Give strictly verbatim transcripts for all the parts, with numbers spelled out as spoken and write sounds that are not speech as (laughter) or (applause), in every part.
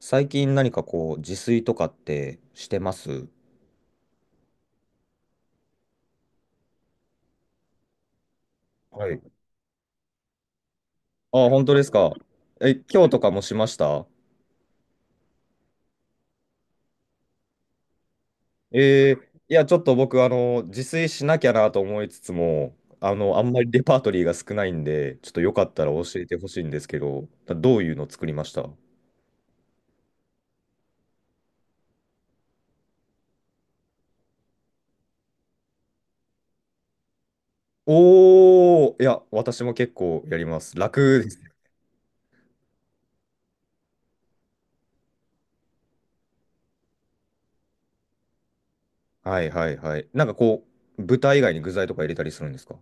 最近何かこう、自炊とかってしてます？はい。ああ、本当ですか。え、今日とかもしました？えーいや、ちょっと僕、あの、自炊しなきゃなと思いつつも、あの、あんまりレパートリーが少ないんで、ちょっとよかったら教えてほしいんですけど、どういうの作りました？おー、いや、私も結構やります。楽です。はいはいはい。なんかこう、豚以外に具材とか入れたりするんですか？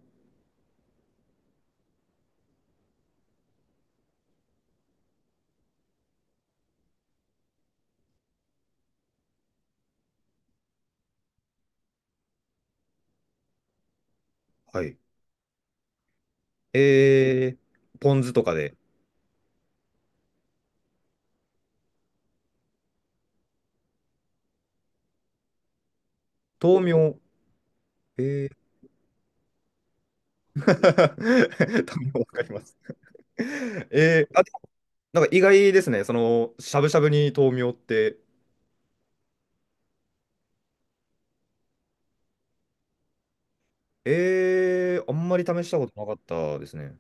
はい。えー、ポン酢とかで。豆苗。えー、(laughs) 豆苗わかります。え、ー、あ、でもなんか意外ですね。その、しゃぶしゃぶに豆苗って。えー、あんまり試したことなかったですね。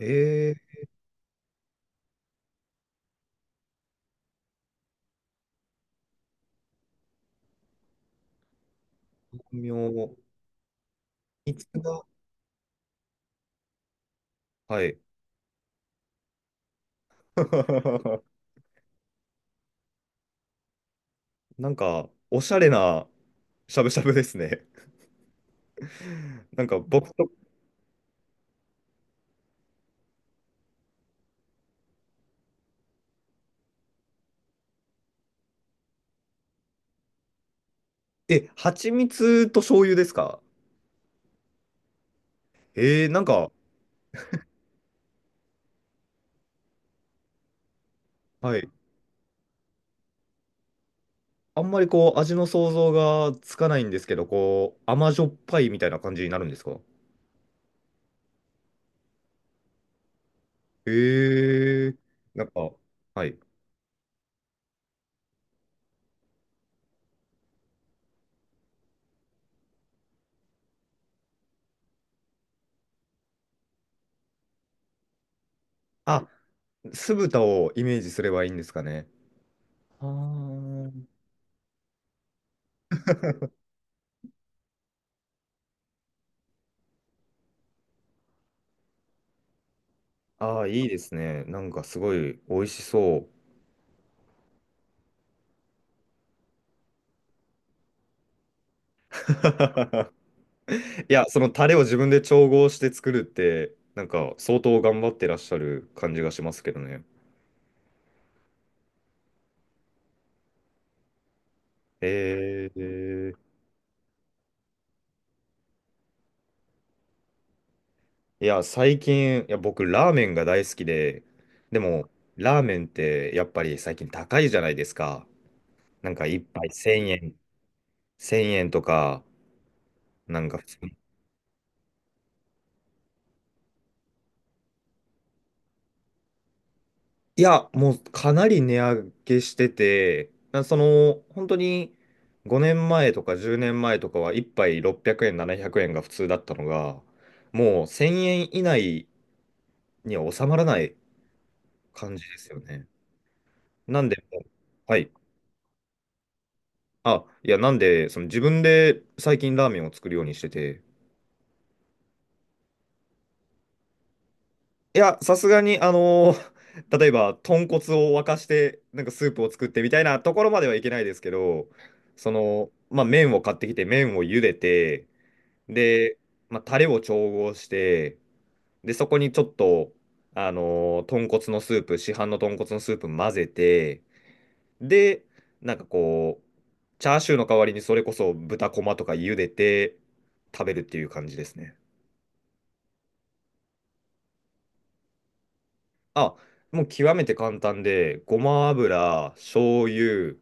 えー、豆苗。いつが、はい。(laughs) なんか、おしゃれなしゃぶしゃぶですね。(laughs) なんか僕と、え、蜂蜜と醤油ですか？えー、なんか、はい。あんまりこう、味の想像がつかないんですけど、こう、甘じょっぱいみたいな感じになるんですか？えー、なんか、はい。あ、酢豚をイメージすればいいんですかね。あーあー、いいですね。なんかすごい美味しそう。(laughs) いや、そのタレを自分で調合して作るって、なんか相当頑張ってらっしゃる感じがしますけどね。えー、いや、最近、いや、僕、ラーメンが大好きで、でも、ラーメンって、やっぱり最近高いじゃないですか。なんか、一杯いち えん、せんえんとか、なんか、いや、もう、かなり値上げしてて、なその、本当に、ごねんまえとかじゅうねんまえとかは、一杯ろっぴゃくえん、ななひゃくえんが普通だったのが、もう、せんえん以内には収まらない感じですよね。なんで、はい。あ、いや、なんで、その自分で最近ラーメンを作るようにしてて、いや、さすがに、あのー (laughs) 例えば、豚骨を沸かして、なんかスープを作ってみたいなところまではいけないですけど、その、まあ、麺を買ってきて、麺を茹でて、で、まあ、タレを調合して、で、そこにちょっと、あのー豚骨のスープ、市販の豚骨のスープ混ぜて、で、なんかこう、チャーシューの代わりにそれこそ豚こまとか茹でて食べるっていう感じですね。あ、もう極めて簡単で、ごま油、醤油、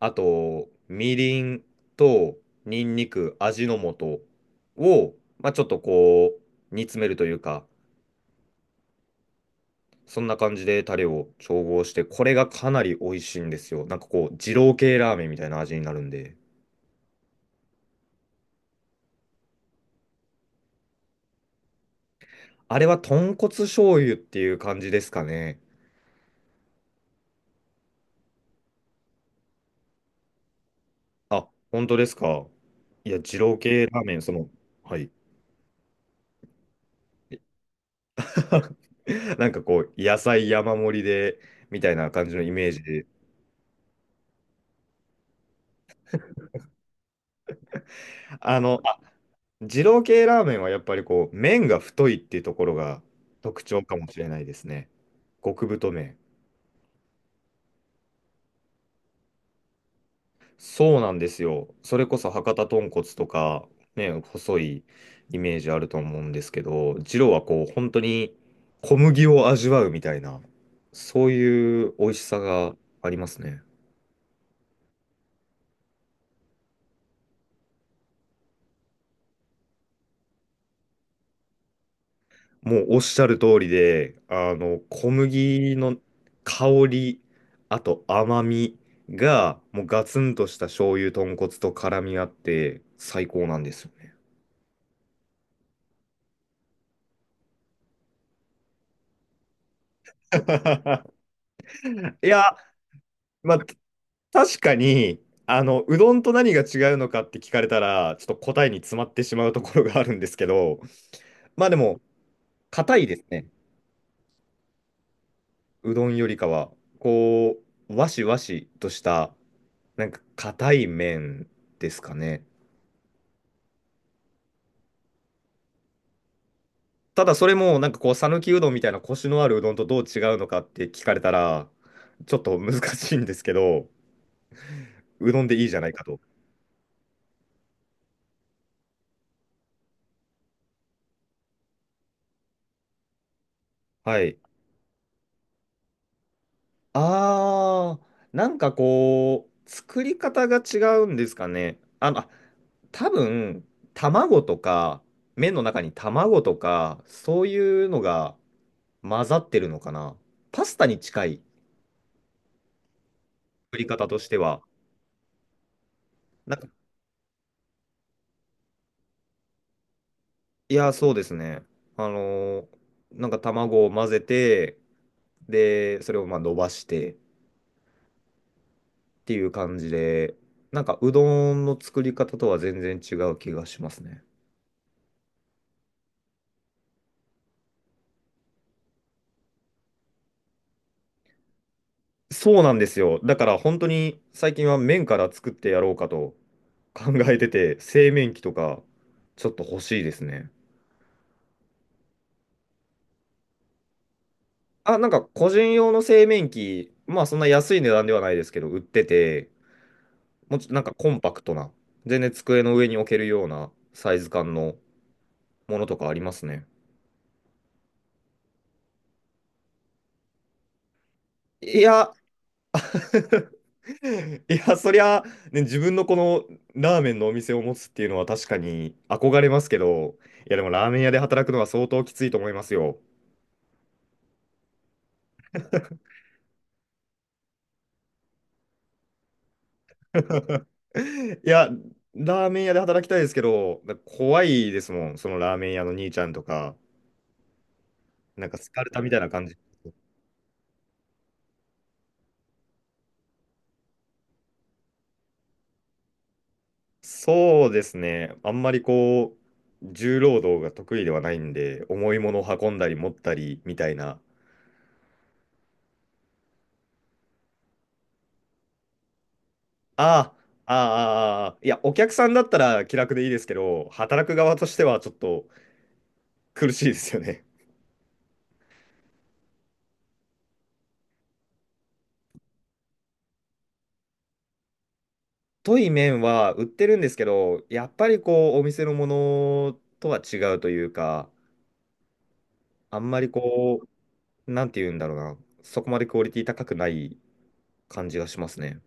あと、みりんと、にんにく、味の素を、まあ、ちょっとこう、煮詰めるというか、そんな感じでタレを調合して、これがかなり美味しいんですよ。なんかこう、二郎系ラーメンみたいな味になるんで。あれは豚骨醤油っていう感じですかね。あ、本当ですか。いや、二郎系ラーメン、その、はい。(laughs) なんかこう、野菜山盛りで、みたいな感じのイメージで。あの、あ、二郎系ラーメンはやっぱりこう、麺が太いっていうところが特徴かもしれないですね。極太麺。そうなんですよ。それこそ博多豚骨とか、ね、細いイメージあると思うんですけど、二郎はこう、本当に小麦を味わうみたいな、そういう美味しさがありますね。もうおっしゃる通りで、あの、小麦の香り、あと甘みが、もうガツンとした醤油豚骨と絡み合って、最高なんですよね。(laughs) いや、まあ、確かに、あの、うどんと何が違うのかって聞かれたら、ちょっと答えに詰まってしまうところがあるんですけど、まあでも、硬いですね。うどんよりかは。こう、わしわしとした、なんか硬い麺ですかね。ただそれもなんかこう、讃岐うどんみたいなコシのあるうどんとどう違うのかって聞かれたら、ちょっと難しいんですけど、うどんでいいじゃないかと。はい。あー、なんかこう、作り方が違うんですかね。あの、あ多分、卵とか、麺の中に卵とか、そういうのが混ざってるのかな。パスタに近い作り方としては。なんか、いや、そうですね。あのーなんか卵を混ぜて、で、それをまあ伸ばしてっていう感じで、なんかうどんの作り方とは全然違う気がしますね。そうなんですよ。だから本当に最近は麺から作ってやろうかと考えてて、製麺機とかちょっと欲しいですね。あ、なんか個人用の製麺機、まあそんな安い値段ではないですけど、売ってて、もうちょっとなんかコンパクトな、全然机の上に置けるようなサイズ感のものとかありますね。いや、(laughs) (laughs) いや、そりゃ、ね、自分のこのラーメンのお店を持つっていうのは確かに憧れますけど、いや、でもラーメン屋で働くのは相当きついと思いますよ。(laughs) いや、ラーメン屋で働きたいですけど、なんか怖いですもん、そのラーメン屋の兄ちゃんとか、なんかスカルタみたいな感じ。そうですね、あんまりこう、重労働が得意ではないんで、重いものを運んだり持ったりみたいなああ、ああ、いや、お客さんだったら気楽でいいですけど、働く側としてはちょっと苦しいですよね。太い麺は売ってるんですけど、やっぱりこう、お店のものとは違うというか、あんまりこう、なんて言うんだろうな、そこまでクオリティ高くない感じがしますね。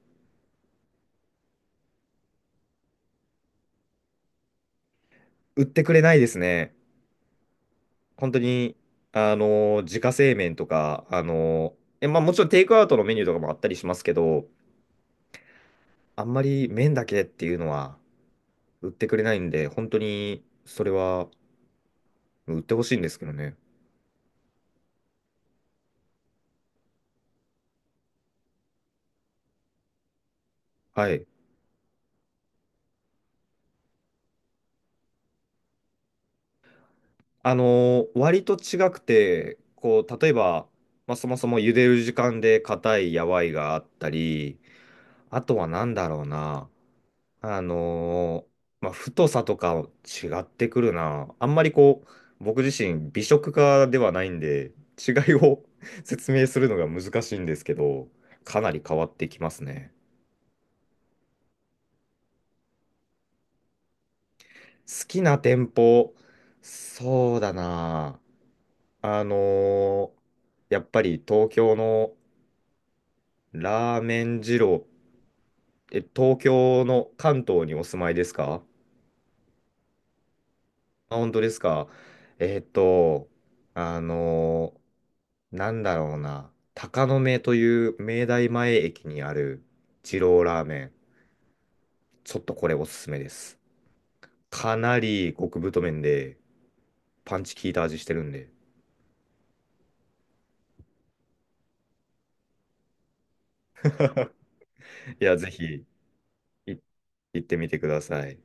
売ってくれないですね。本当に、あの、自家製麺とか、あの、え、まあもちろんテイクアウトのメニューとかもあったりしますけど、あんまり麺だけっていうのは。売ってくれないんで、本当にそれは売ってほしいんですけどね。はい。あのー割と違くて、こう、例えば、まあ、そもそも茹でる時間で硬いやわいがあったり、あとはなんだろうな、あのーまあ、太さとか違ってくるな。あんまりこう、僕自身美食家ではないんで、違いを (laughs) 説明するのが難しいんですけど、かなり変わってきますね。好きな店舗、そうだな。あのーやっぱり東京のラーメン二郎、え、東京の関東にお住まいですか？あ、本当ですか。えーっと、あのーなんだろうな。鷹の目という明大前駅にある二郎ラーメン。ちょっとこれおすすめです。かなり極太麺で、パンチ効いた味してるんで。(laughs) いや、ぜひ、い行ってみてください。